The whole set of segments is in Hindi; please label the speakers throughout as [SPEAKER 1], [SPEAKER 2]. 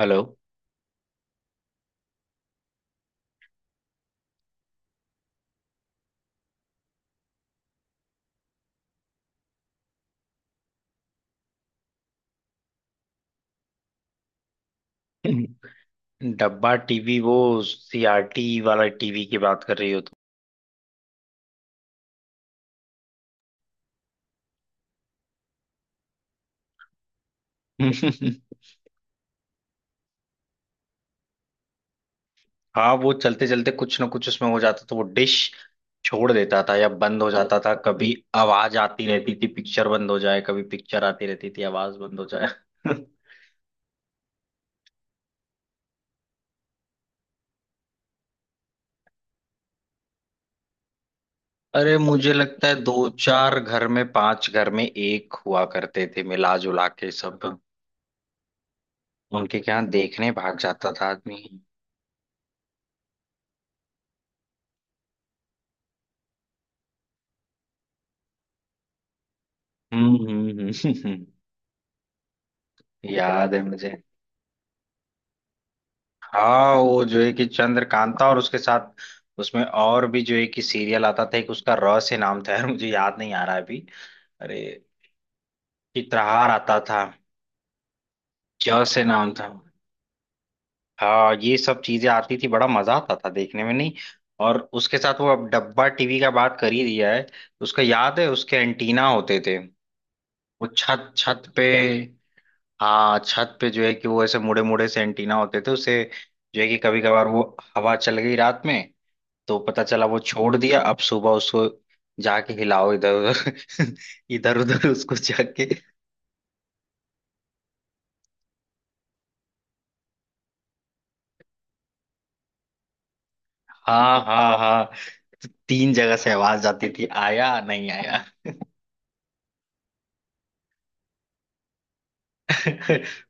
[SPEAKER 1] हेलो। डब्बा टीवी, वो सीआरटी वाला टीवी की बात कर रही हो तुम? हाँ, वो चलते चलते कुछ ना कुछ उसमें हो जाता तो वो डिश छोड़ देता था या बंद हो जाता था। कभी आवाज आती रहती थी पिक्चर बंद हो जाए, कभी पिक्चर आती रहती थी आवाज बंद हो जाए। अरे मुझे लगता है दो चार घर में, पांच घर में एक हुआ करते थे मिला जुला के सब। उनके क्या देखने भाग जाता था आदमी। हम्म, हम्म, हम्म। याद है मुझे। हाँ वो जो है कि चंद्रकांता, और उसके साथ उसमें और भी जो है कि सीरियल आता था एक, उसका र से नाम था यार, मुझे याद नहीं आ रहा है अभी। अरे, चित्रहार आता था। ज से नाम था। हाँ ये सब चीजें आती थी, बड़ा मजा आता था देखने में नहीं? और उसके साथ वो अब डब्बा टीवी का बात कर ही दिया है, उसका याद है उसके एंटीना होते थे वो छत छत पे। हाँ छत पे जो है कि वो ऐसे मुड़े मुड़े से एंटीना होते थे उसे, जो है कि कभी कभार वो हवा चल गई रात में तो पता चला वो छोड़ दिया, अब सुबह उसको जाके हिलाओ इधर उधर इधर उधर उसको जाके। हाँ हाँ हाँ, तो तीन जगह से आवाज आती थी आया नहीं आया।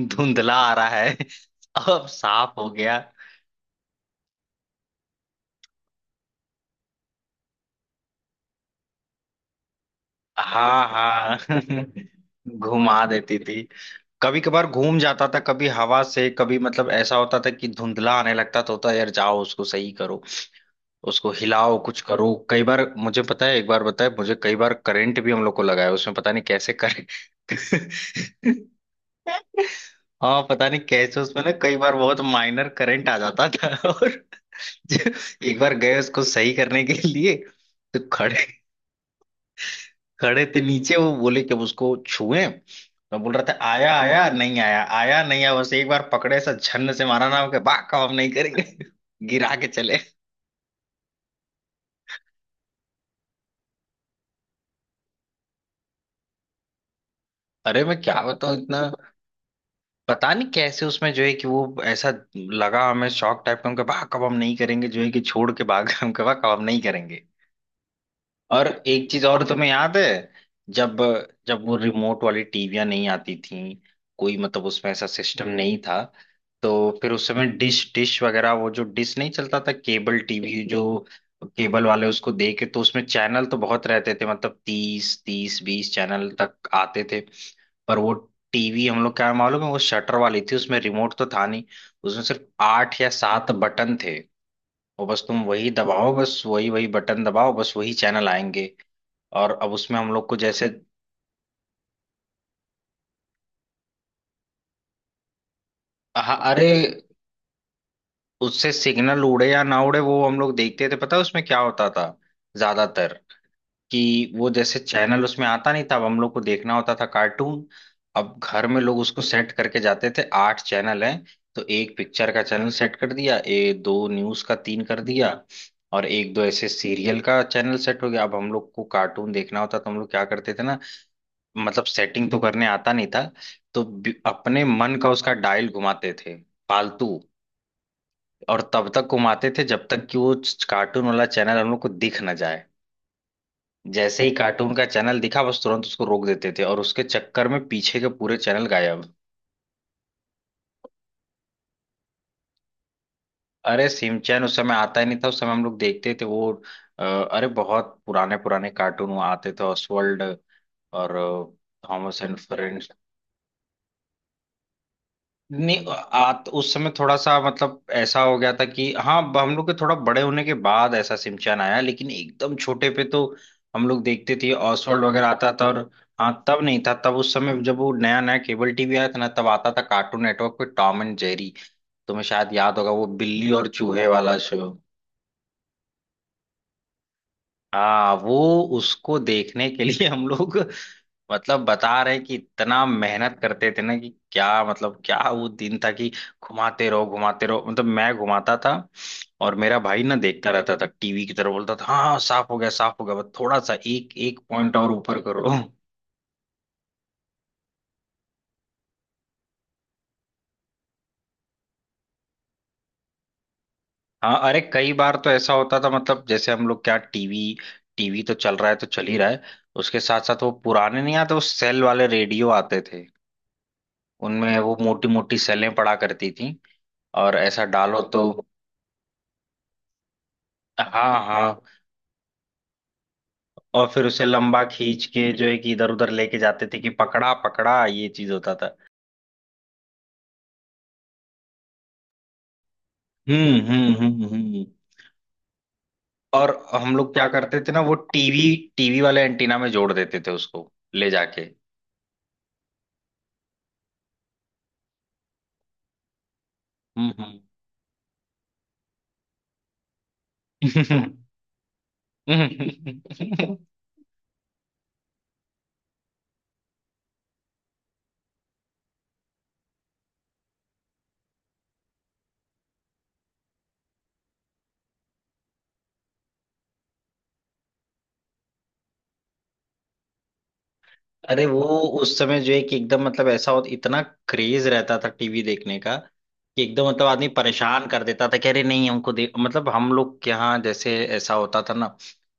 [SPEAKER 1] धुंधला आ रहा है, अब साफ हो गया। हाँ हाँ घुमा देती थी। कभी कभार घूम जाता था, कभी हवा से, कभी मतलब ऐसा होता था कि धुंधला आने लगता तो होता यार जाओ उसको सही करो, उसको हिलाओ कुछ करो। कई बार मुझे पता है एक बार बताए मुझे, कई बार करंट भी हम लोग को लगा है उसमें, पता नहीं कैसे करे। हाँ पता नहीं कैसे उसमें ना कई बार बहुत माइनर करंट आ जाता था। और जो- एक बार गए उसको सही करने के लिए, तो खड़े खड़े थे नीचे। वो बोले कि हम उसको छुएं, मैं बोल रहा था आया आया नहीं आया आया नहीं आया, बस एक बार पकड़े ऐसा झन्न से मारा ना के बा काम नहीं करेंगे गिरा के चले। अरे मैं क्या बताऊं इतना, पता नहीं कैसे उसमें जो है कि वो ऐसा लगा, हमें शौक टाइप का हम कहा कब हम नहीं करेंगे जो है कि छोड़ के भाग गए। हम कहा कब हम नहीं करेंगे। और एक चीज और तुम्हें याद है, जब जब वो रिमोट वाली टीवियां नहीं आती थीं कोई, मतलब उसमें ऐसा सिस्टम नहीं था तो फिर उस समय डिश डिश वगैरह वो जो डिश नहीं चलता था, केबल टीवी जो केबल वाले उसको दे के, तो उसमें चैनल तो बहुत रहते थे मतलब 30 30 20 चैनल तक आते थे। पर वो टीवी हम लोग क्या मालूम है वो शटर वाली थी, उसमें रिमोट तो था नहीं, उसमें सिर्फ आठ या सात बटन थे और बस तुम वही दबाओ, बस वही वही बटन दबाओ, बस वही चैनल आएंगे। और अब उसमें हम लोग को जैसे, हाँ अरे उससे सिग्नल उड़े या ना उड़े, वो हम लोग देखते थे पता है उसमें क्या होता था ज्यादातर, कि वो जैसे चैनल उसमें आता नहीं था, अब हम लोग को देखना होता था कार्टून। अब घर में लोग उसको सेट करके जाते थे आठ चैनल हैं, तो एक पिक्चर का चैनल सेट कर दिया, ए दो न्यूज का, तीन कर दिया और एक दो ऐसे सीरियल का चैनल सेट हो गया। अब हम लोग को कार्टून देखना होता तो हम लोग क्या करते थे ना, मतलब सेटिंग तो करने आता नहीं था तो अपने मन का उसका डायल घुमाते थे फालतू, और तब तक घुमाते थे जब तक कि वो कार्टून वाला चैनल हम लोग को दिख ना जाए। जैसे ही कार्टून का चैनल दिखा बस तुरंत उसको रोक देते थे, और उसके चक्कर में पीछे के पूरे चैनल गायब। अरे सिमचैन उस समय आता ही नहीं था, उस समय हम लोग देखते थे वो अरे बहुत पुराने पुराने कार्टून वो आते थे, ऑसवर्ल्ड और थॉमस एंड नहीं आ, तो उस समय थोड़ा सा मतलब ऐसा हो गया था कि हाँ हम लोग के थोड़ा बड़े होने के बाद ऐसा सिमचान आया, लेकिन एकदम छोटे पे तो हम लोग देखते थे ऑसवर्ल्ड वगैरह आता था। और हाँ तब नहीं था, तब उस समय जब वो नया नया केबल टीवी आया था ना, तब आता था कार्टून नेटवर्क पे टॉम एंड जेरी। तुम्हें शायद याद होगा वो बिल्ली और चूहे वाला शो। हाँ वो उसको देखने के लिए हम लोग मतलब बता रहे कि इतना मेहनत करते थे ना, कि क्या मतलब क्या वो दिन था कि घुमाते रहो घुमाते रहो, मतलब मैं घुमाता था और मेरा भाई ना देखता रहता था टीवी की तरफ, बोलता था हाँ हाँ, साफ हो गया साफ हो गया, बस थोड़ा सा एक एक पॉइंट और ऊपर करो। हाँ अरे कई बार तो ऐसा होता था मतलब जैसे हम लोग क्या टीवी, टीवी तो चल रहा है तो चल ही रहा है, उसके साथ साथ वो पुराने नहीं आते वो सेल वाले रेडियो आते थे। उनमें वो मोटी मोटी सेलें पड़ा करती थी और ऐसा डालो तो। हाँ हाँ और फिर उसे लंबा खींच के जो है कि इधर उधर लेके जाते थे कि पकड़ा पकड़ा ये चीज होता था। हम्म, हम्म, हम्म, हम्म। और हम लोग क्या करते थे ना वो टीवी, टीवी वाले एंटीना में जोड़ देते थे उसको ले जाके। हम्म, हम्म। अरे वो उस समय जो है कि एकदम मतलब ऐसा होता इतना क्रेज रहता था टीवी देखने का, कि एकदम मतलब आदमी परेशान कर देता था कि अरे नहीं हमको देख, मतलब हम लोग के यहाँ जैसे ऐसा होता था ना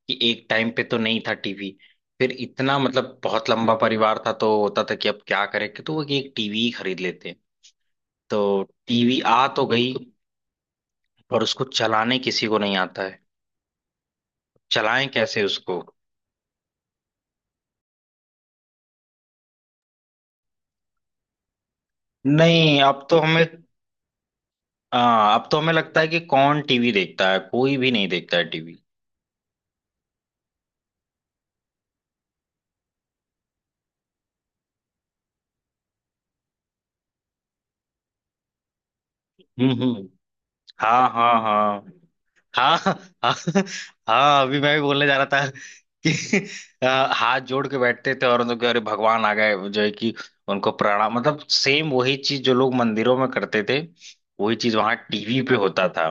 [SPEAKER 1] कि एक टाइम पे तो नहीं था टीवी, फिर इतना मतलब बहुत लंबा परिवार था तो होता था कि अब क्या करें कि तो वो एक टीवी खरीद लेते हैं तो टीवी आ तो गई, पर उसको चलाने किसी को नहीं आता है, चलाएं कैसे उसको। नहीं अब तो हमें, हाँ अब तो हमें लगता है कि कौन टीवी देखता है, कोई भी नहीं देखता है टीवी। हम्म, हाँ हाँ हाँ हाँ हाँ हाँ। अभी मैं भी बोलने जा रहा था कि हाथ जोड़ के बैठते थे और उनके अरे भगवान आ गए जो है कि, उनको प्रणाम, मतलब सेम वही चीज जो लोग मंदिरों में करते थे, वही चीज वहां टीवी पे होता था।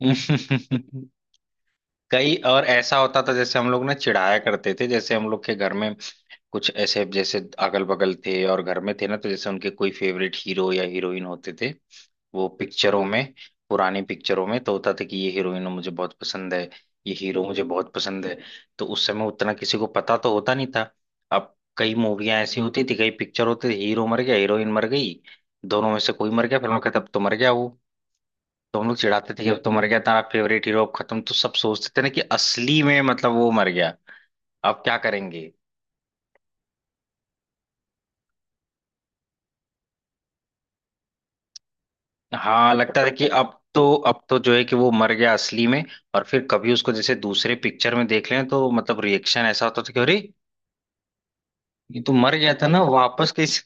[SPEAKER 1] कई और ऐसा होता था जैसे हम लोग ना चिढ़ाया करते थे, जैसे हम लोग के घर में कुछ ऐसे जैसे अगल बगल थे और घर में थे ना, तो जैसे उनके कोई फेवरेट हीरो या हीरोइन होते थे वो पिक्चरों में, पुरानी पिक्चरों में तो होता था कि ये हीरोइन मुझे बहुत पसंद है, ये हीरो मुझे बहुत पसंद है। तो उस समय उतना किसी को पता तो होता नहीं था, अब कई मूवियां ऐसी होती थी कई पिक्चर होते थे हीरो मर गया हीरोइन मर गई, दोनों में से कोई मर गया फिर हम कहते अब तो मर गया वो, तो हम लोग चिढ़ाते थे कि अब तो मर गया तेरा फेवरेट हीरो अब खत्म, तो सब सोचते थे ना कि असली में मतलब वो मर गया अब क्या करेंगे। हाँ लगता था कि अब तो जो है कि वो मर गया असली में, और फिर कभी उसको जैसे दूसरे पिक्चर में देख लें तो मतलब रिएक्शन ऐसा होता था कि अरे ये तो मर गया था ना, वापस किस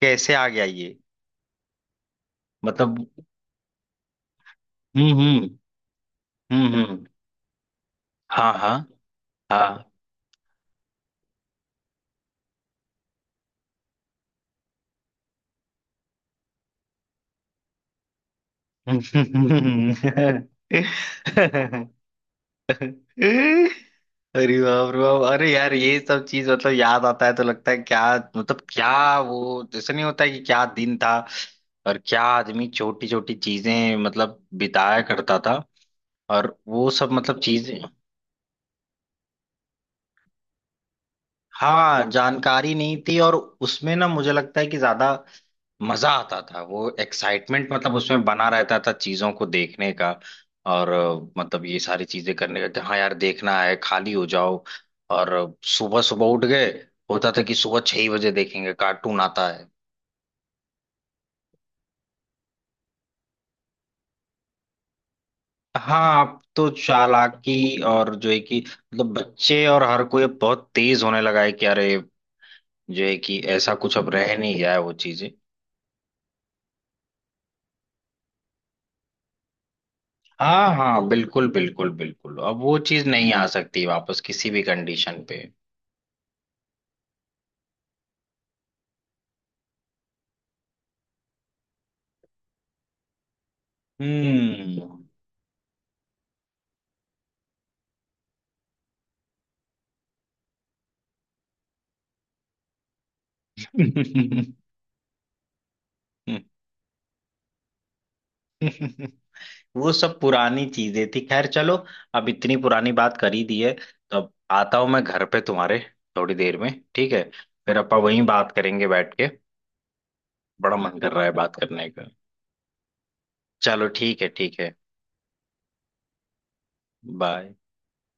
[SPEAKER 1] कैसे आ गया ये, मतलब। हम्म, हम्म, हम्म, हम्म। हाँ हाँ हाँ। अरे बाप रे बाप, अरे यार ये सब चीज मतलब याद आता है तो लगता है क्या, मतलब क्या वो जैसे नहीं होता है कि क्या दिन था, और क्या आदमी छोटी छोटी चीजें मतलब बिताया करता था, और वो सब मतलब चीजें। हाँ जानकारी नहीं थी, और उसमें ना मुझे लगता है कि ज्यादा मजा आता था, वो एक्साइटमेंट मतलब उसमें बना रहता था चीजों को देखने का और मतलब ये सारी चीजें करने का कि हाँ यार देखना है खाली हो जाओ और सुबह सुबह उठ गए। होता था कि सुबह 6 ही बजे देखेंगे कार्टून आता है। हाँ अब तो चालाकी और जो है कि, मतलब बच्चे और हर कोई अब बहुत तेज होने लगा है, कि अरे जो है कि ऐसा कुछ अब रह नहीं गया है वो चीजें। हाँ हाँ बिल्कुल बिल्कुल बिल्कुल, अब वो चीज नहीं आ सकती वापस किसी भी कंडीशन पे। हम्म। वो सब पुरानी चीजें थी, खैर चलो अब इतनी पुरानी बात कर ही दी है तो अब आता हूं मैं घर पे तुम्हारे, थोड़ी देर में। ठीक है, फिर अपन वहीं बात करेंगे बैठ के, बड़ा मन कर रहा है बात करने का। चलो ठीक है ठीक है, बाय।